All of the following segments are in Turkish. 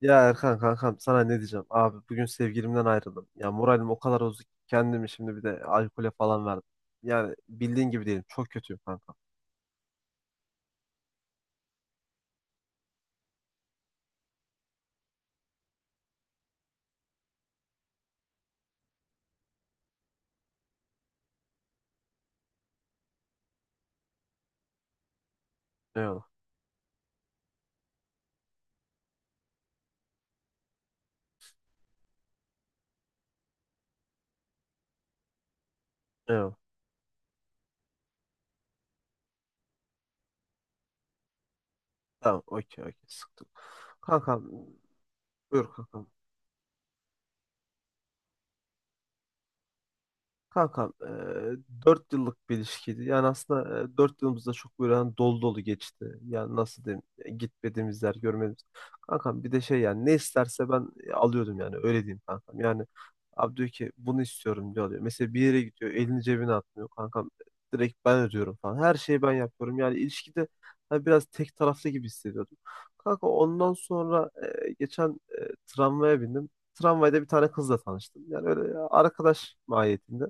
Ya Erkan kankam, sana ne diyeceğim? Abi bugün sevgilimden ayrıldım. Ya moralim o kadar bozuk ki kendimi şimdi bir de alkole falan verdim. Yani bildiğin gibi değilim. Çok kötüyüm kankam. Eyvallah. Eyvallah. Tamam, okey okey, sıktım. Kankam, buyur kankam. Kankam, 4 yıllık bir ilişkiydi. Yani aslında 4 yılımız da çok böyle hani dolu dolu geçti. Yani nasıl diyeyim, gitmediğimiz yer görmediğimiz. Kankam bir de şey, yani ne isterse ben alıyordum, yani öyle diyeyim kankam. Yani abi diyor ki bunu istiyorum, diyor alıyor. Mesela bir yere gidiyor, elini cebine atmıyor kankam. Direkt ben ödüyorum falan. Her şeyi ben yapıyorum. Yani ilişkide hani biraz tek taraflı gibi hissediyordum. Kanka, ondan sonra geçen tramvaya bindim. Tramvayda bir tane kızla tanıştım. Yani öyle arkadaş mahiyetinde.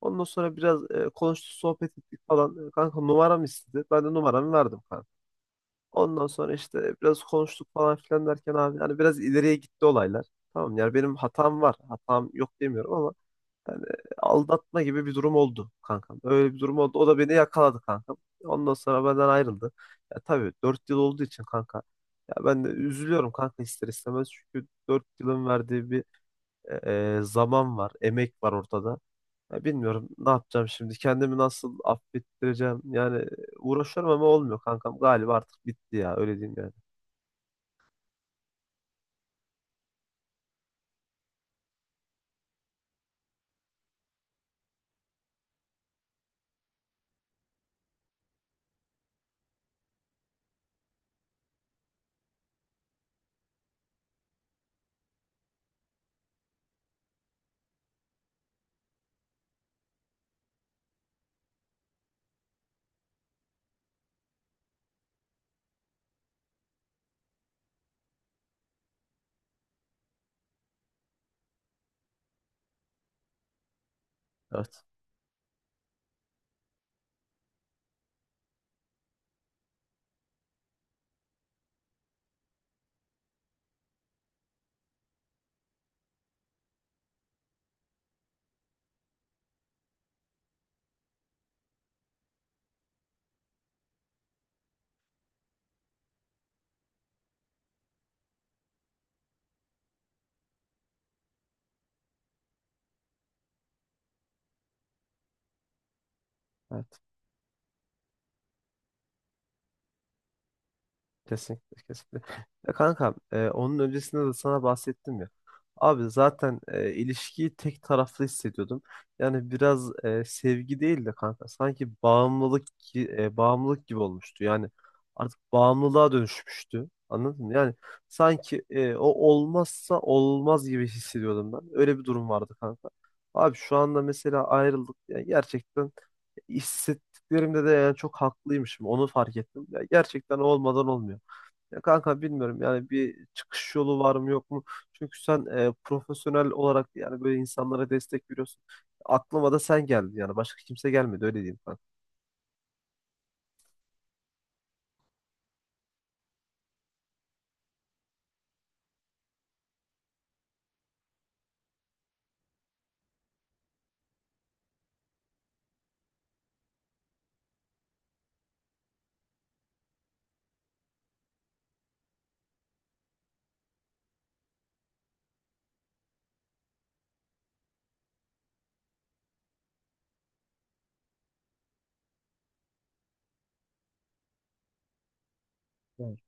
Ondan sonra biraz konuştuk, sohbet ettik falan. Kanka, numaramı istedi. Ben de numaramı verdim kanka. Ondan sonra işte biraz konuştuk falan filan derken abi, yani biraz ileriye gitti olaylar. Tamam, yani benim hatam var. Hatam yok demiyorum ama yani aldatma gibi bir durum oldu kankam. Öyle bir durum oldu. O da beni yakaladı kankam. Ondan sonra benden ayrıldı. Ya tabii 4 yıl olduğu için kanka. Ya ben de üzülüyorum kanka, ister istemez. Çünkü 4 yılın verdiği bir zaman var, emek var ortada. Ya bilmiyorum ne yapacağım şimdi. Kendimi nasıl affettireceğim? Yani uğraşıyorum ama olmuyor kankam. Galiba artık bitti ya. Öyle diyeyim yani. Evet. Evet. Kesinlikle, kesinlikle. Ya kankam, onun öncesinde de sana bahsettim ya. Abi zaten ilişkiyi tek taraflı hissediyordum. Yani biraz sevgi değil de kanka, sanki bağımlılık bağımlılık gibi olmuştu. Yani artık bağımlılığa dönüşmüştü. Anladın mı? Yani sanki o olmazsa olmaz gibi hissediyordum ben. Öyle bir durum vardı kanka. Abi şu anda mesela ayrıldık. Yani gerçekten hissettiklerimde de yani çok haklıymışım. Onu fark ettim. Ya gerçekten olmadan olmuyor. Ya kanka, bilmiyorum, yani bir çıkış yolu var mı yok mu? Çünkü sen profesyonel olarak yani böyle insanlara destek veriyorsun. Aklıma da sen geldin, yani başka kimse gelmedi, öyle diyeyim kanka. Evet.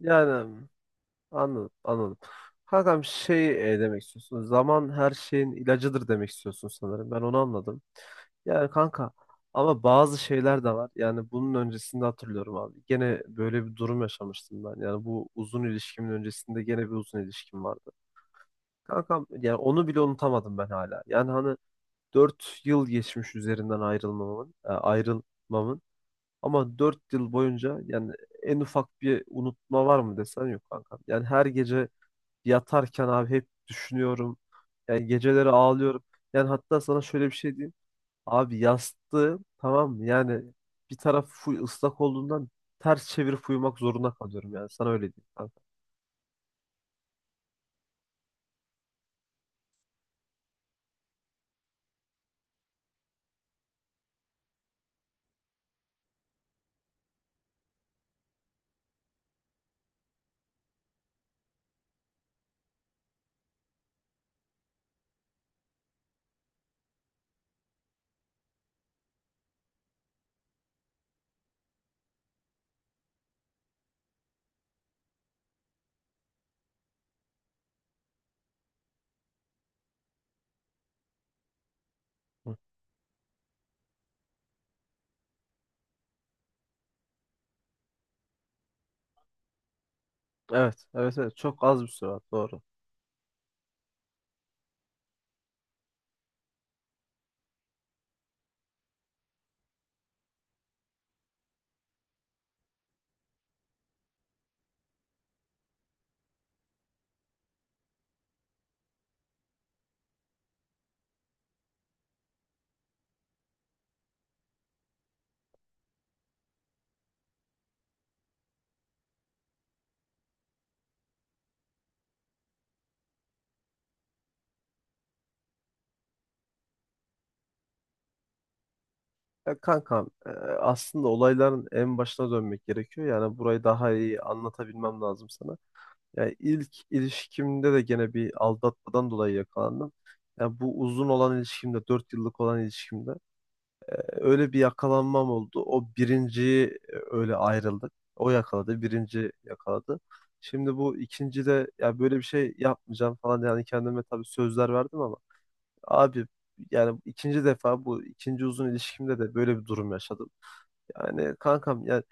Yani anladım, anladım. Kankam, şey, demek istiyorsun. Zaman her şeyin ilacıdır demek istiyorsun sanırım. Ben onu anladım. Yani kanka, ama bazı şeyler de var. Yani bunun öncesinde hatırlıyorum abi. Gene böyle bir durum yaşamıştım ben. Yani bu uzun ilişkimin öncesinde gene bir uzun ilişkim vardı. Kankam yani onu bile unutamadım ben hala. Yani hani 4 yıl geçmiş üzerinden ayrılmamın, ayrılmamın ama 4 yıl boyunca yani en ufak bir unutma var mı desen yok kankam. Yani her gece yatarken abi hep düşünüyorum. Yani geceleri ağlıyorum. Yani hatta sana şöyle bir şey diyeyim. Abi yastığı, tamam mı, yani bir taraf full ıslak olduğundan ters çevirip uyumak zorunda kalıyorum yani. Sana öyle diyeyim kankam. Hı. Evet, evet, evet. Çok az bir süre var. Doğru. Ya kankam, aslında olayların en başına dönmek gerekiyor. Yani burayı daha iyi anlatabilmem lazım sana. Yani ilk ilişkimde de gene bir aldatmadan dolayı yakalandım. Yani bu uzun olan ilişkimde, 4 yıllık olan ilişkimde öyle bir yakalanmam oldu. O birinciyi öyle ayrıldık. O yakaladı, birinci yakaladı. Şimdi bu ikinci de ya, böyle bir şey yapmayacağım falan, yani kendime tabii sözler verdim ama abi yani ikinci defa bu ikinci uzun ilişkimde de böyle bir durum yaşadım. Yani kankam, yani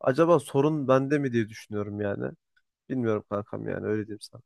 acaba sorun bende mi diye düşünüyorum yani. Bilmiyorum kankam, yani öyle diyeyim sana.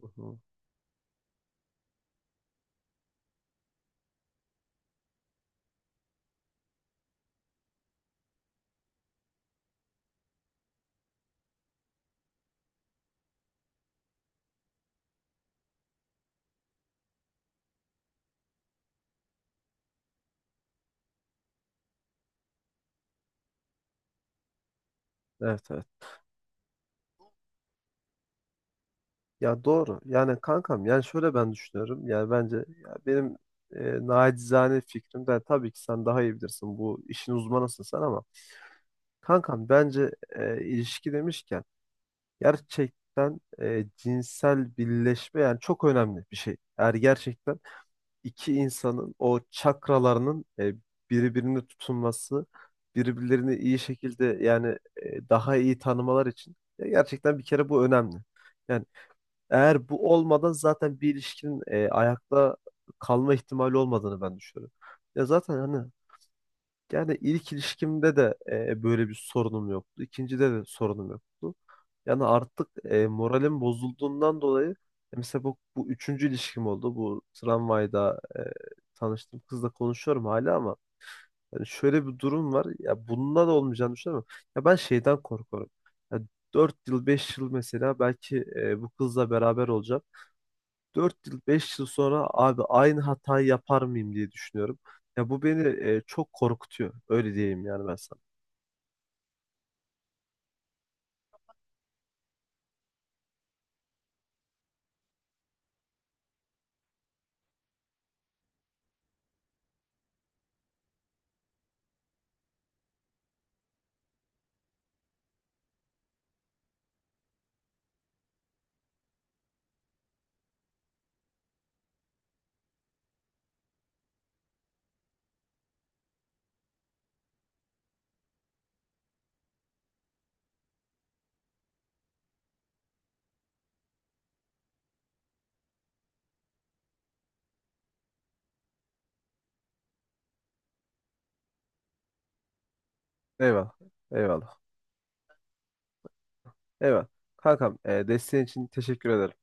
Hı hı. Evet, evet. Ya doğru. Yani kankam, yani şöyle ben düşünüyorum. Yani bence, ya benim nacizane fikrim, de tabii ki sen daha iyi bilirsin. Bu işin uzmanısın sen, ama kankam bence ilişki demişken gerçekten cinsel birleşme yani çok önemli bir şey. Eğer gerçekten iki insanın o çakralarının birbirini tutunması, birbirlerini iyi şekilde yani daha iyi tanımalar için gerçekten bir kere bu önemli. Yani eğer bu olmadan zaten bir ilişkinin ayakta kalma ihtimali olmadığını ben düşünüyorum. Ya zaten hani yani ilk ilişkimde de böyle bir sorunum yoktu. İkincide de sorunum yoktu. Yani artık moralim bozulduğundan dolayı mesela bu üçüncü ilişkim oldu. Bu tramvayda tanıştığım kızla konuşuyorum hala, ama yani şöyle bir durum var. Ya bundan da olmayacağını düşünüyorum. Ya ben şeyden korkuyorum. Ya 4 yıl 5 yıl mesela belki bu kızla beraber olacağım. 4 yıl 5 yıl sonra abi aynı hatayı yapar mıyım diye düşünüyorum. Ya bu beni çok korkutuyor. Öyle diyeyim yani ben sana. Eyvallah. Eyvallah. Eyvallah. Kankam, desteğin için teşekkür ederim.